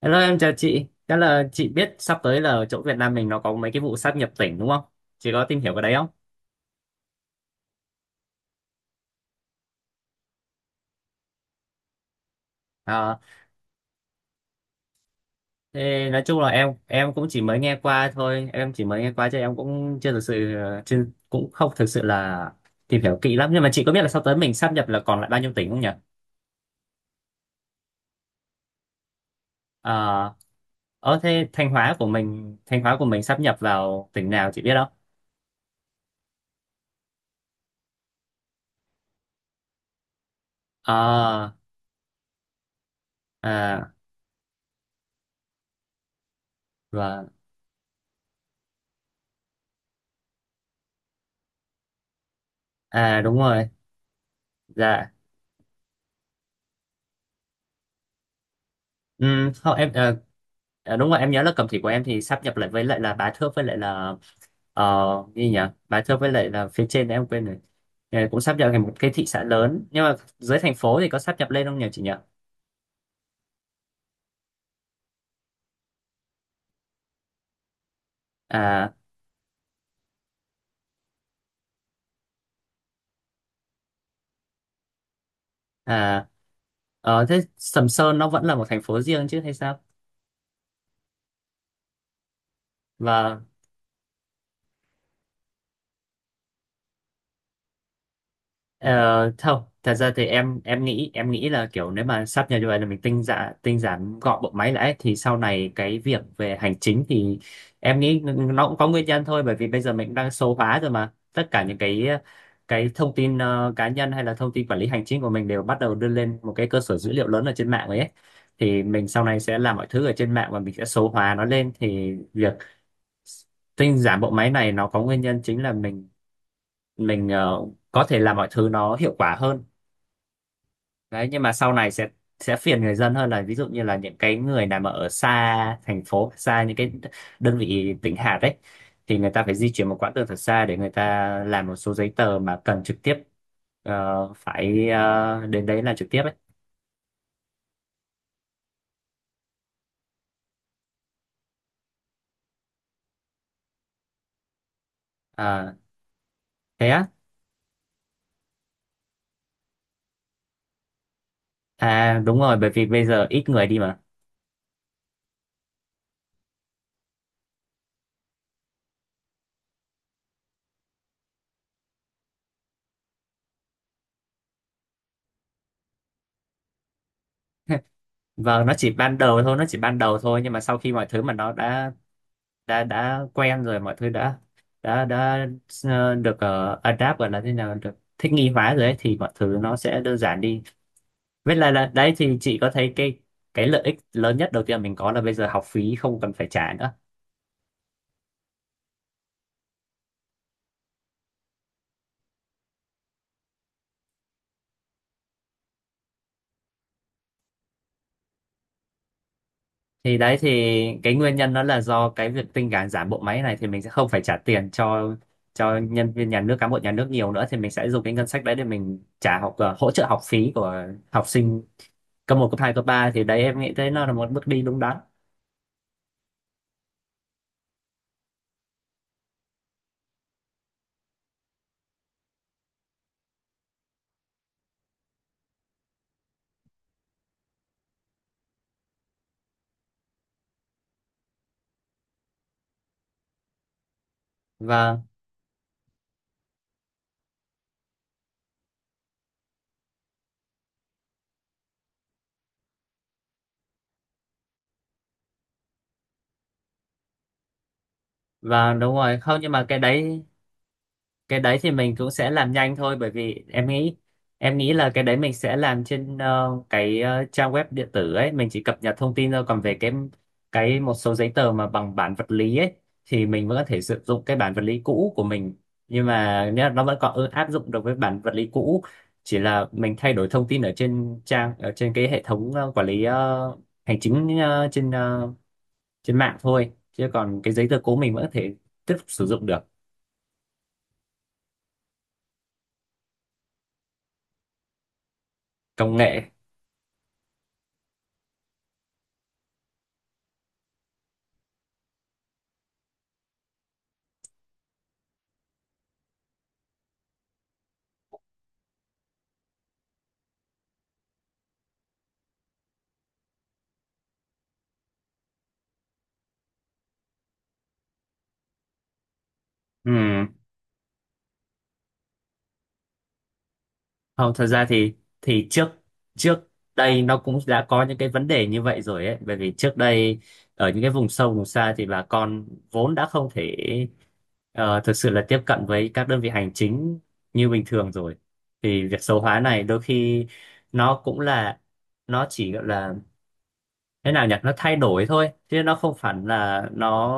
Hello, em chào chị, chắc là chị biết sắp tới là ở chỗ Việt Nam mình nó có mấy cái vụ sáp nhập tỉnh đúng không? Chị có tìm hiểu cái đấy không? À, thế nói chung là em cũng chỉ mới nghe qua thôi, em chỉ mới nghe qua chứ em cũng chưa thực sự, chưa, cũng không thực sự là tìm hiểu kỹ lắm, nhưng mà chị có biết là sắp tới mình sáp nhập là còn lại bao nhiêu tỉnh không nhỉ? À, thế Thanh Hóa của mình sáp nhập vào tỉnh nào chị biết không? À, à, vâng. À, đúng rồi. Dạ. Ừ, không, em, đúng rồi em nhớ là cầm thị của em thì sáp nhập lại với lại là bá thước với lại là ờ gì nhỉ, bá thước với lại là phía trên em quên rồi. Cũng sáp nhập thành một cái thị xã lớn, nhưng mà dưới thành phố thì có sáp nhập lên không nhỉ chị nhỉ? À, à, thế Sầm Sơn nó vẫn là một thành phố riêng chứ hay sao? và Ờ, Không, thật ra thì em nghĩ, là kiểu nếu mà sắp nhập như vậy là mình tinh giản gọn bộ máy lại ấy, thì sau này cái việc về hành chính thì em nghĩ nó cũng có nguyên nhân thôi, bởi vì bây giờ mình cũng đang số hóa rồi mà tất cả những cái thông tin cá nhân hay là thông tin quản lý hành chính của mình đều bắt đầu đưa lên một cái cơ sở dữ liệu lớn ở trên mạng rồi ấy, thì mình sau này sẽ làm mọi thứ ở trên mạng và mình sẽ số hóa nó lên, thì việc tinh giản bộ máy này nó có nguyên nhân chính là mình, mình ờ, có thể làm mọi thứ nó hiệu quả hơn. Đấy, nhưng mà sau này sẽ phiền người dân hơn, là ví dụ như là những cái người nào mà ở xa thành phố, xa những cái đơn vị tỉnh hạt đấy, thì người ta phải di chuyển một quãng đường thật xa để người ta làm một số giấy tờ mà cần trực tiếp, phải đến đấy là trực tiếp ấy. À, thế á? À, đúng rồi, bởi vì bây giờ ít người đi mà. Vâng, nó chỉ ban đầu thôi, nó chỉ ban đầu thôi, nhưng mà sau khi mọi thứ mà nó đã, đã quen rồi, mọi thứ đã được, adapt, gọi là thế nào, được thích nghi hóa rồi ấy, thì mọi thứ nó sẽ đơn giản đi. Với lại là đấy, thì chị có thấy cái lợi ích lớn nhất đầu tiên mình có là bây giờ học phí không cần phải trả nữa. Thì đấy thì cái nguyên nhân đó là do cái việc tinh giản giảm bộ máy này, thì mình sẽ không phải trả tiền cho nhân viên nhà nước, cán bộ nhà nước nhiều nữa, thì mình sẽ dùng cái ngân sách đấy để mình hỗ trợ học phí của học sinh cấp 1 cấp 2 cấp 3, thì đấy em nghĩ thấy nó là một bước đi đúng đắn. và Vâng, đúng rồi, không, nhưng mà cái đấy, cái đấy thì mình cũng sẽ làm nhanh thôi, bởi vì em nghĩ, là cái đấy mình sẽ làm trên, cái, trang web điện tử ấy, mình chỉ cập nhật thông tin thôi, còn về cái một số giấy tờ mà bằng bản vật lý ấy, thì mình vẫn có thể sử dụng cái bản vật lý cũ của mình, nhưng mà nhá, nó vẫn còn áp dụng được với bản vật lý cũ, chỉ là mình thay đổi thông tin ở trên trang, ở trên cái hệ thống quản lý hành chính, trên mạng thôi, chứ còn cái giấy tờ cố mình vẫn có thể tiếp tục sử dụng được. Công nghệ. Ừ. Không, thật ra thì trước, trước đây nó cũng đã có những cái vấn đề như vậy rồi ấy, bởi vì trước đây ở những cái vùng sâu vùng xa thì bà con vốn đã không thể, thực sự là tiếp cận với các đơn vị hành chính như bình thường rồi, thì việc số hóa này đôi khi nó cũng là, nó chỉ gọi là, thế nào nhỉ, nó thay đổi thôi chứ nó không hẳn là nó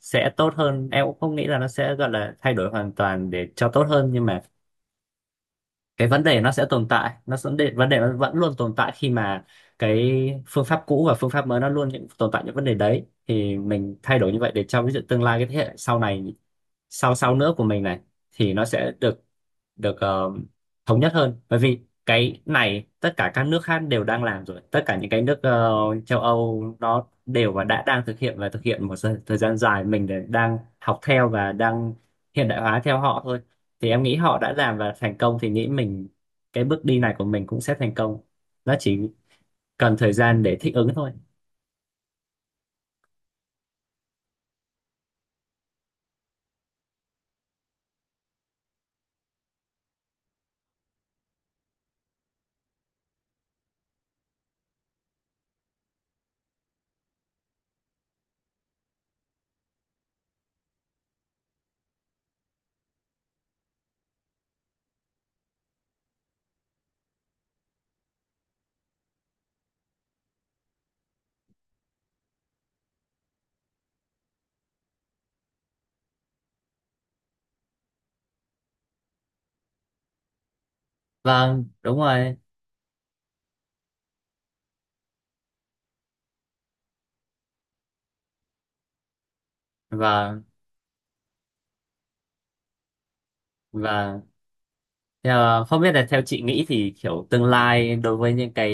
sẽ tốt hơn, em cũng không nghĩ là nó sẽ gọi là thay đổi hoàn toàn để cho tốt hơn, nhưng mà cái vấn đề nó sẽ tồn tại, nó vấn vấn đề nó vẫn luôn tồn tại khi mà cái phương pháp cũ và phương pháp mới nó luôn những tồn tại những vấn đề đấy, thì mình thay đổi như vậy để cho ví dụ tương lai cái thế hệ sau này, sau sau nữa của mình này, thì nó sẽ được, được ờ, thống nhất hơn, bởi vì cái này tất cả các nước khác đều đang làm rồi, tất cả những cái nước châu Âu nó đều và đã đang thực hiện và thực hiện một thời thời gian dài, mình để đang học theo và đang hiện đại hóa theo họ thôi, thì em nghĩ họ đã làm và thành công thì nghĩ mình cái bước đi này của mình cũng sẽ thành công, nó chỉ cần thời gian để thích ứng thôi. Vâng, đúng rồi. và và ờ, Không biết là theo chị nghĩ thì kiểu tương lai đối với những cái,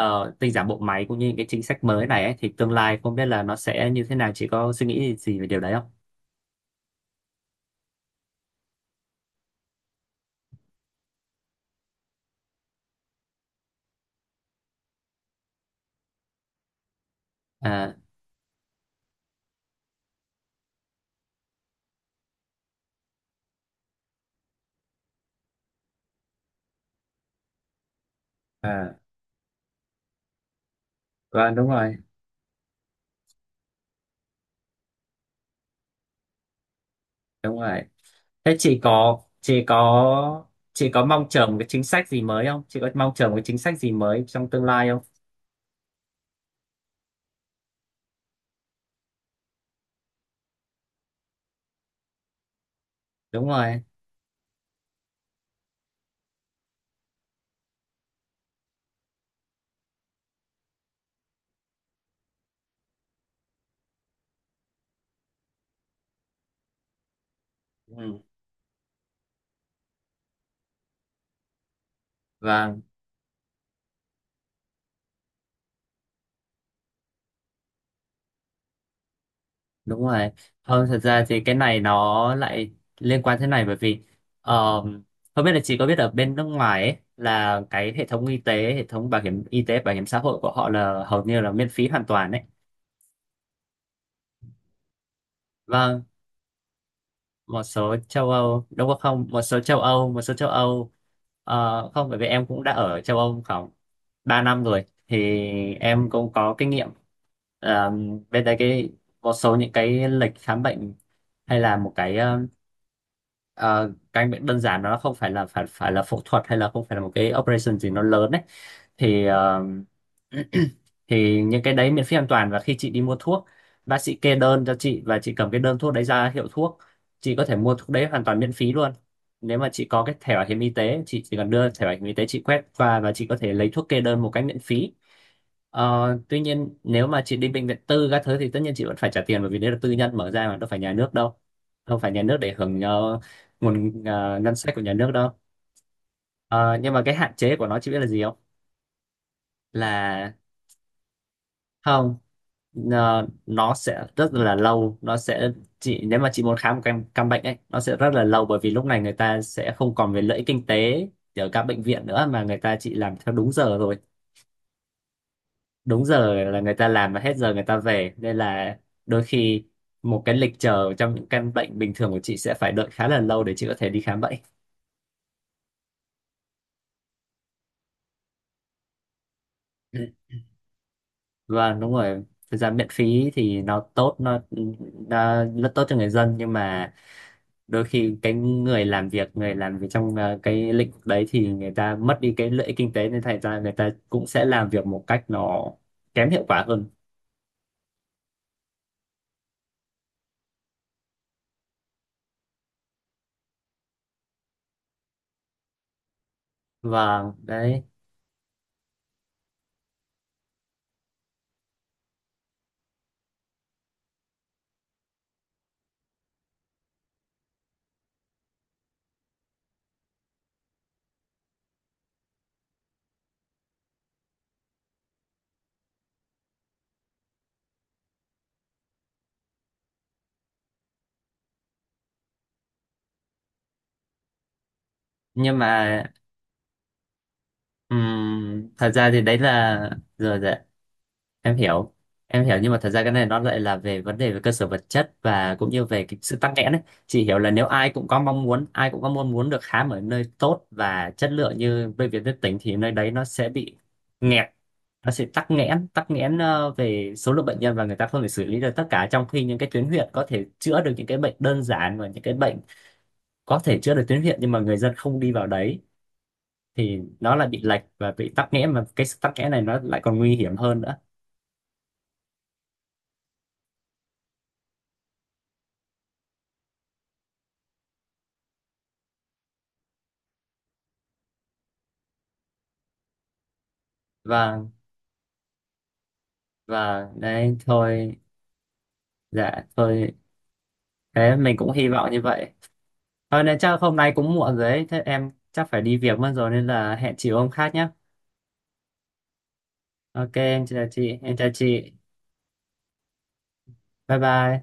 tinh giản bộ máy cũng như những cái chính sách mới này ấy, thì tương lai không biết là nó sẽ như thế nào, chị có suy nghĩ gì về điều đấy không? À, à, vâng, đúng rồi, đúng rồi. Thế chị có mong chờ một cái chính sách gì mới không? Chị có mong chờ một cái chính sách gì mới trong tương lai không? Đúng rồi. Ừ. Vâng, đúng rồi. Không, thật ra thì cái này nó lại liên quan thế này, bởi vì ờm, không biết là chị có biết ở bên nước ngoài ấy, là cái hệ thống y tế, hệ thống bảo hiểm y tế, bảo hiểm xã hội của họ là hầu như là miễn phí hoàn toàn đấy. Vâng, một số châu Âu, đúng không, một số châu Âu. Không, bởi vì em cũng đã ở châu Âu không 3 năm rồi, thì em cũng có kinh nghiệm. Ờ, bên đây cái một số những cái lịch khám bệnh hay là một cái, ờ, căn bệnh đơn giản, nó không phải là, phải phải là phẫu thuật hay là không phải là một cái operation gì nó lớn đấy, thì thì những cái đấy miễn phí hoàn toàn, và khi chị đi mua thuốc, bác sĩ kê đơn cho chị và chị cầm cái đơn thuốc đấy ra hiệu thuốc, chị có thể mua thuốc đấy hoàn toàn miễn phí luôn. Nếu mà chị có cái thẻ bảo hiểm y tế, chị chỉ cần đưa thẻ bảo hiểm y tế, chị quét, và chị có thể lấy thuốc kê đơn một cách miễn phí. Ờ, tuy nhiên nếu mà chị đi bệnh viện tư các thứ thì tất nhiên chị vẫn phải trả tiền, bởi vì đấy là tư nhân mở ra, mà đâu phải nhà nước đâu, đâu phải nhà nước để hưởng nguồn ngân sách của nhà nước đâu. Ờ, nhưng mà cái hạn chế của nó chị biết là gì không? Là không, nó sẽ rất là lâu, nó sẽ, chị nếu mà chị muốn khám một căn bệnh ấy, nó sẽ rất là lâu, bởi vì lúc này người ta sẽ không còn về lợi ích kinh tế ở các bệnh viện nữa, mà người ta chỉ làm theo đúng giờ rồi, đúng giờ là người ta làm và hết giờ người ta về, nên là đôi khi một cái lịch chờ trong những căn bệnh bình thường của chị sẽ phải đợi khá là lâu để chị có thể đi khám bệnh. Ừ. Vâng, đúng rồi. Thực ra miễn phí thì nó tốt, nó rất tốt cho người dân, nhưng mà đôi khi cái người làm việc, người làm việc trong cái lĩnh vực đấy, thì người ta mất đi cái lợi ích kinh tế nên thành ra người ta cũng sẽ làm việc một cách nó kém hiệu quả hơn. Vâng, đấy, nhưng mà thật ra thì đấy là, rồi rồi, em hiểu, em hiểu, nhưng mà thật ra cái này nó lại là về vấn đề về cơ sở vật chất và cũng như về cái sự tắc nghẽn ấy, chị hiểu là nếu ai cũng có mong muốn, ai cũng có mong muốn được khám ở nơi tốt và chất lượng như bệnh viện tuyến tỉnh, thì nơi đấy nó sẽ bị nghẹt, nó sẽ tắc nghẽn, tắc nghẽn về số lượng bệnh nhân, và người ta không thể xử lý được tất cả, trong khi những cái tuyến huyện có thể chữa được những cái bệnh đơn giản và những cái bệnh có thể chữa được tuyến huyện, nhưng mà người dân không đi vào đấy, thì nó lại bị lệch và bị tắc nghẽn, mà cái sự tắc nghẽn này nó lại còn nguy hiểm hơn nữa. và Và đấy thôi, dạ thôi, thế mình cũng hy vọng như vậy thôi, nên chắc hôm nay cũng muộn rồi đấy, thế em chắc phải đi việc mất rồi nên là hẹn chị hôm khác nhé. Ok, em chào chị, em chào chị, bye bye.